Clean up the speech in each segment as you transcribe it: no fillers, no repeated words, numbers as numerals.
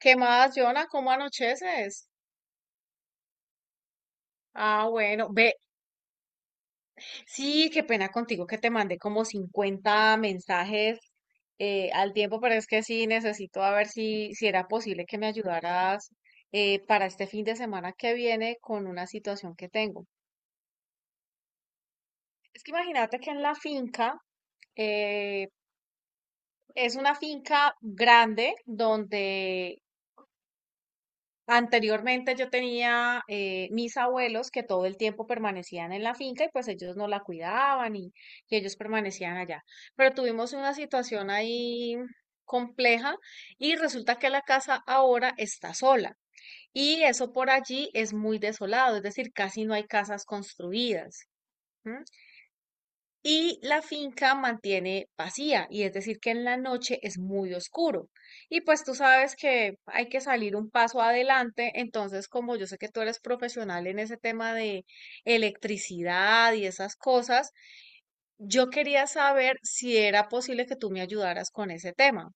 ¿Qué más, Jonah? ¿Cómo anocheces? Ah, bueno, ve, sí, qué pena contigo que te mandé como 50 mensajes al tiempo, pero es que sí, necesito a ver si era posible que me ayudaras para este fin de semana que viene con una situación que tengo. Es que imagínate que en la finca, eh, es una finca grande donde anteriormente yo tenía mis abuelos que todo el tiempo permanecían en la finca y pues ellos no la cuidaban y ellos permanecían allá. Pero tuvimos una situación ahí compleja y resulta que la casa ahora está sola y eso por allí es muy desolado, es decir, casi no hay casas construidas. ¿M? Y la finca mantiene vacía, y es decir, que en la noche es muy oscuro. Y pues tú sabes que hay que salir un paso adelante, entonces como yo sé que tú eres profesional en ese tema de electricidad y esas cosas, yo quería saber si era posible que tú me ayudaras con ese tema.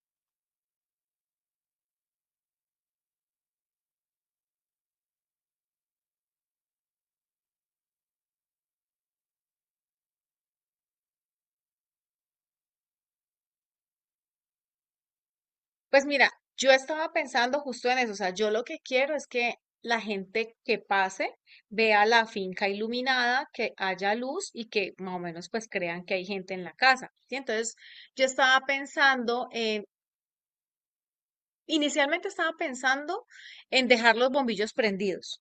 Pues mira, yo estaba pensando justo en eso, o sea, yo lo que quiero es que la gente que pase vea la finca iluminada, que haya luz y que más o menos pues crean que hay gente en la casa, ¿sí? Entonces, yo estaba pensando en, inicialmente estaba pensando en dejar los bombillos prendidos,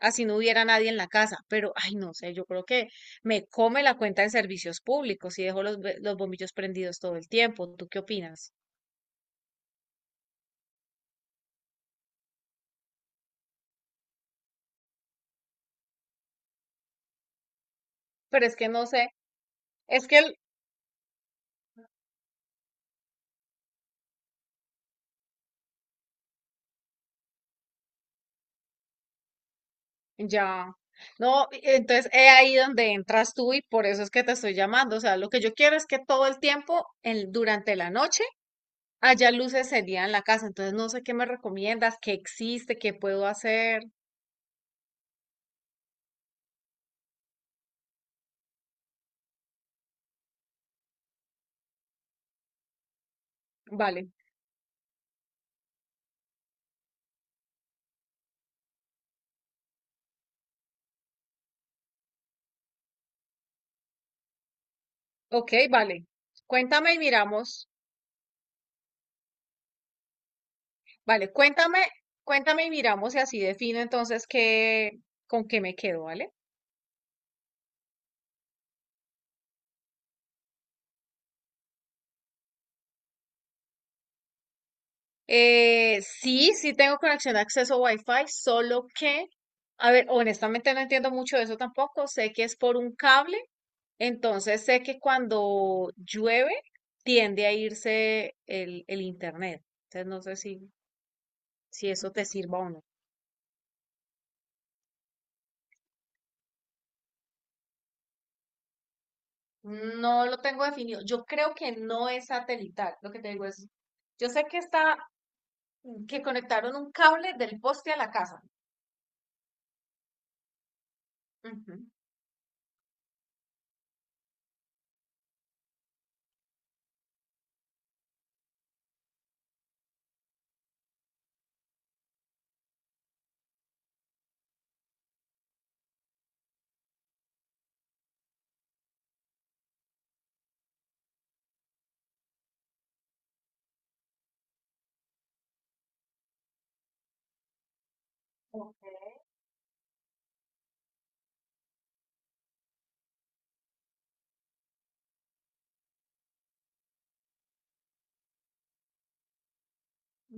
así no hubiera nadie en la casa, pero ay, no sé, yo creo que me come la cuenta de servicios públicos y dejo los bombillos prendidos todo el tiempo. ¿Tú qué opinas? Pero es que no sé. Es que el- Ya. No, entonces es ahí donde entras tú y por eso es que te estoy llamando. O sea, lo que yo quiero es que todo el tiempo, durante la noche, haya luces el día en la casa. Entonces no sé qué me recomiendas, qué existe, qué puedo hacer. Vale. Ok, vale. Cuéntame y miramos. Vale, cuéntame, cuéntame y miramos y así defino entonces qué, con qué me quedo, ¿vale? Sí, sí tengo conexión de acceso Wi-Fi, solo que, a ver, honestamente no entiendo mucho de eso tampoco. Sé que es por un cable, entonces sé que cuando llueve tiende a irse el internet. Entonces no sé si, si eso te sirva o no. No lo tengo definido. Yo creo que no es satelital. Lo que te digo es, yo sé que está, que conectaron un cable del poste a la casa. Ujú.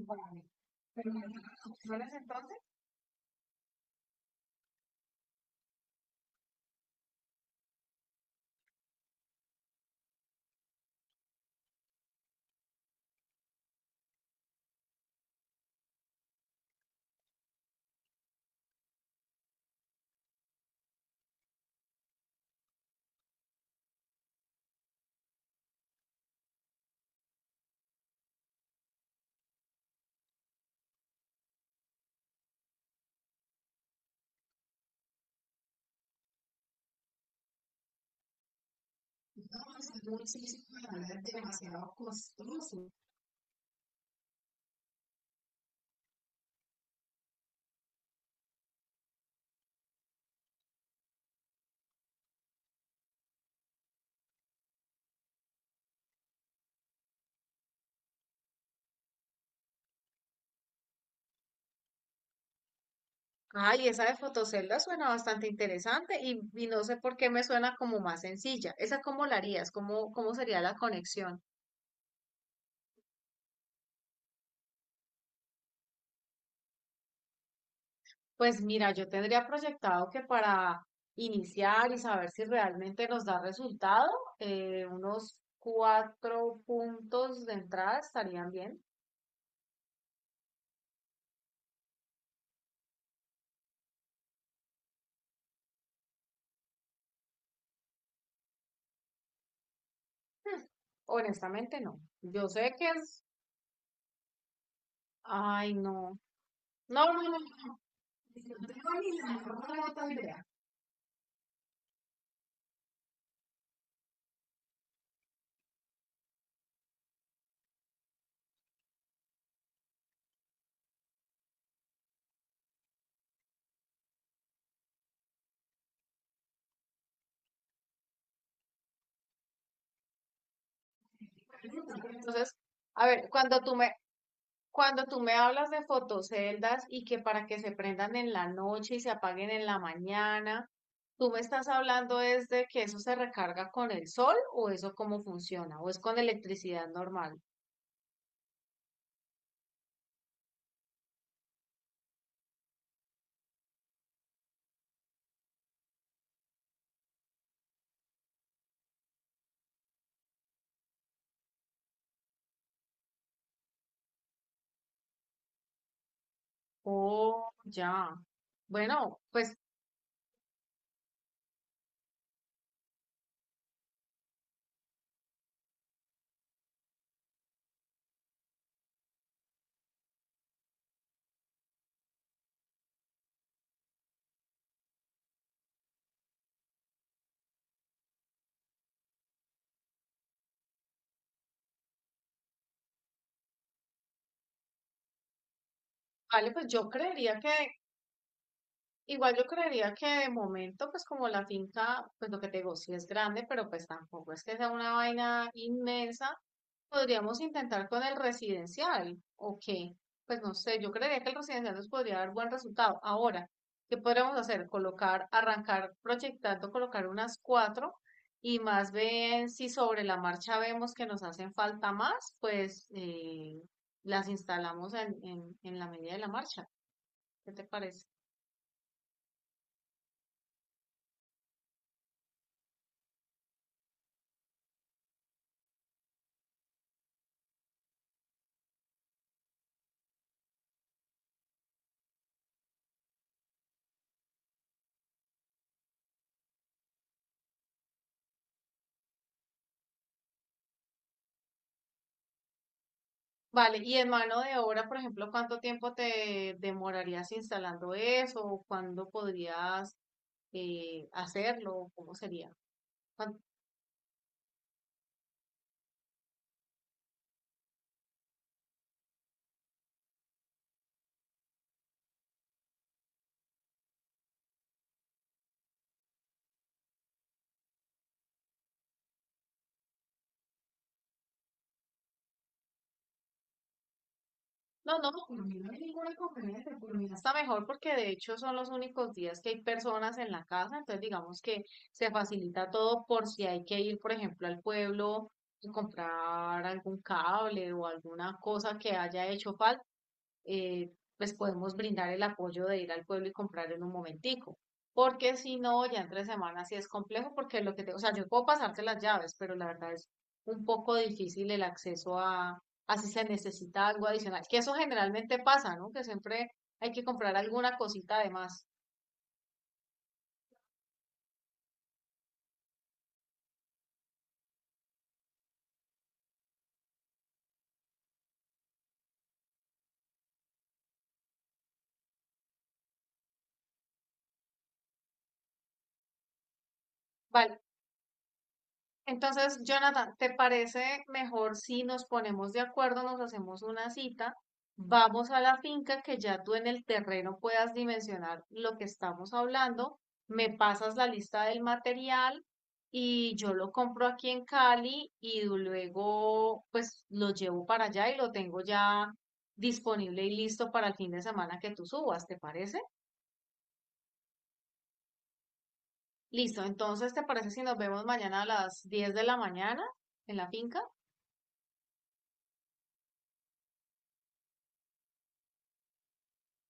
Vale. Pero, ¿las opciones entonces? Hacer un ejercicio para nada es demasiado costoso. Ay, esa de fotocelda suena bastante interesante y no sé por qué me suena como más sencilla. ¿Esa cómo la harías? ¿Cómo, cómo sería la conexión? Pues mira, yo tendría proyectado que para iniciar y saber si realmente nos da resultado, unos cuatro puntos de entrada estarían bien. Hmm, honestamente, no. Yo sé que es... Ay, no. No, no, no, no. No tengo ni la mejor idea. Entonces, a ver, cuando tú me hablas de fotoceldas y que para que se prendan en la noche y se apaguen en la mañana, ¿tú me estás hablando es de que eso se recarga con el sol o eso cómo funciona? ¿O es con electricidad normal? Oh, ya. Bueno, pues vale, pues igual yo creería que de momento, pues como la finca, pues lo que te digo, sí es grande, pero pues tampoco es que sea una vaina inmensa. Podríamos intentar con el residencial, ¿o qué? Pues no sé, yo creería que el residencial nos podría dar buen resultado. Ahora, ¿qué podríamos hacer? Colocar, arrancar proyectando, colocar unas cuatro y más bien si sobre la marcha vemos que nos hacen falta más, pues las instalamos en la medida de la marcha. ¿Qué te parece? Vale, y en mano de obra, por ejemplo, ¿cuánto tiempo te demorarías instalando eso? ¿O cuándo podrías hacerlo? ¿Cómo sería? Cuan- No, no, por mí no hay ninguna inconveniente, por mí está mejor porque de hecho son los únicos días que hay personas en la casa, entonces digamos que se facilita todo por si hay que ir, por ejemplo, al pueblo y comprar algún cable o alguna cosa que haya hecho falta. eh, pues podemos brindar el apoyo de ir al pueblo y comprar en un momentico. Porque si no, ya entre semanas sí es complejo, porque lo que te, o sea, yo puedo pasarte las llaves, pero la verdad es un poco difícil el acceso a si se necesita algo adicional, que eso generalmente pasa, ¿no? Que siempre hay que comprar alguna cosita además. Vale. Entonces, Jonathan, ¿te parece mejor si nos ponemos de acuerdo, nos hacemos una cita, vamos a la finca que ya tú en el terreno puedas dimensionar lo que estamos hablando, me pasas la lista del material y yo lo compro aquí en Cali y luego pues lo llevo para allá y lo tengo ya disponible y listo para el fin de semana que tú subas, ¿te parece? Listo, entonces, ¿te parece si nos vemos mañana a las 10 de la mañana en la finca?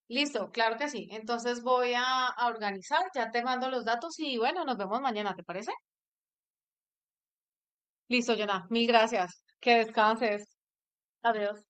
Listo, claro que sí. Entonces voy a organizar, ya te mando los datos y bueno, nos vemos mañana, ¿te parece? Listo, Jonah, mil gracias. Que descanses. Adiós.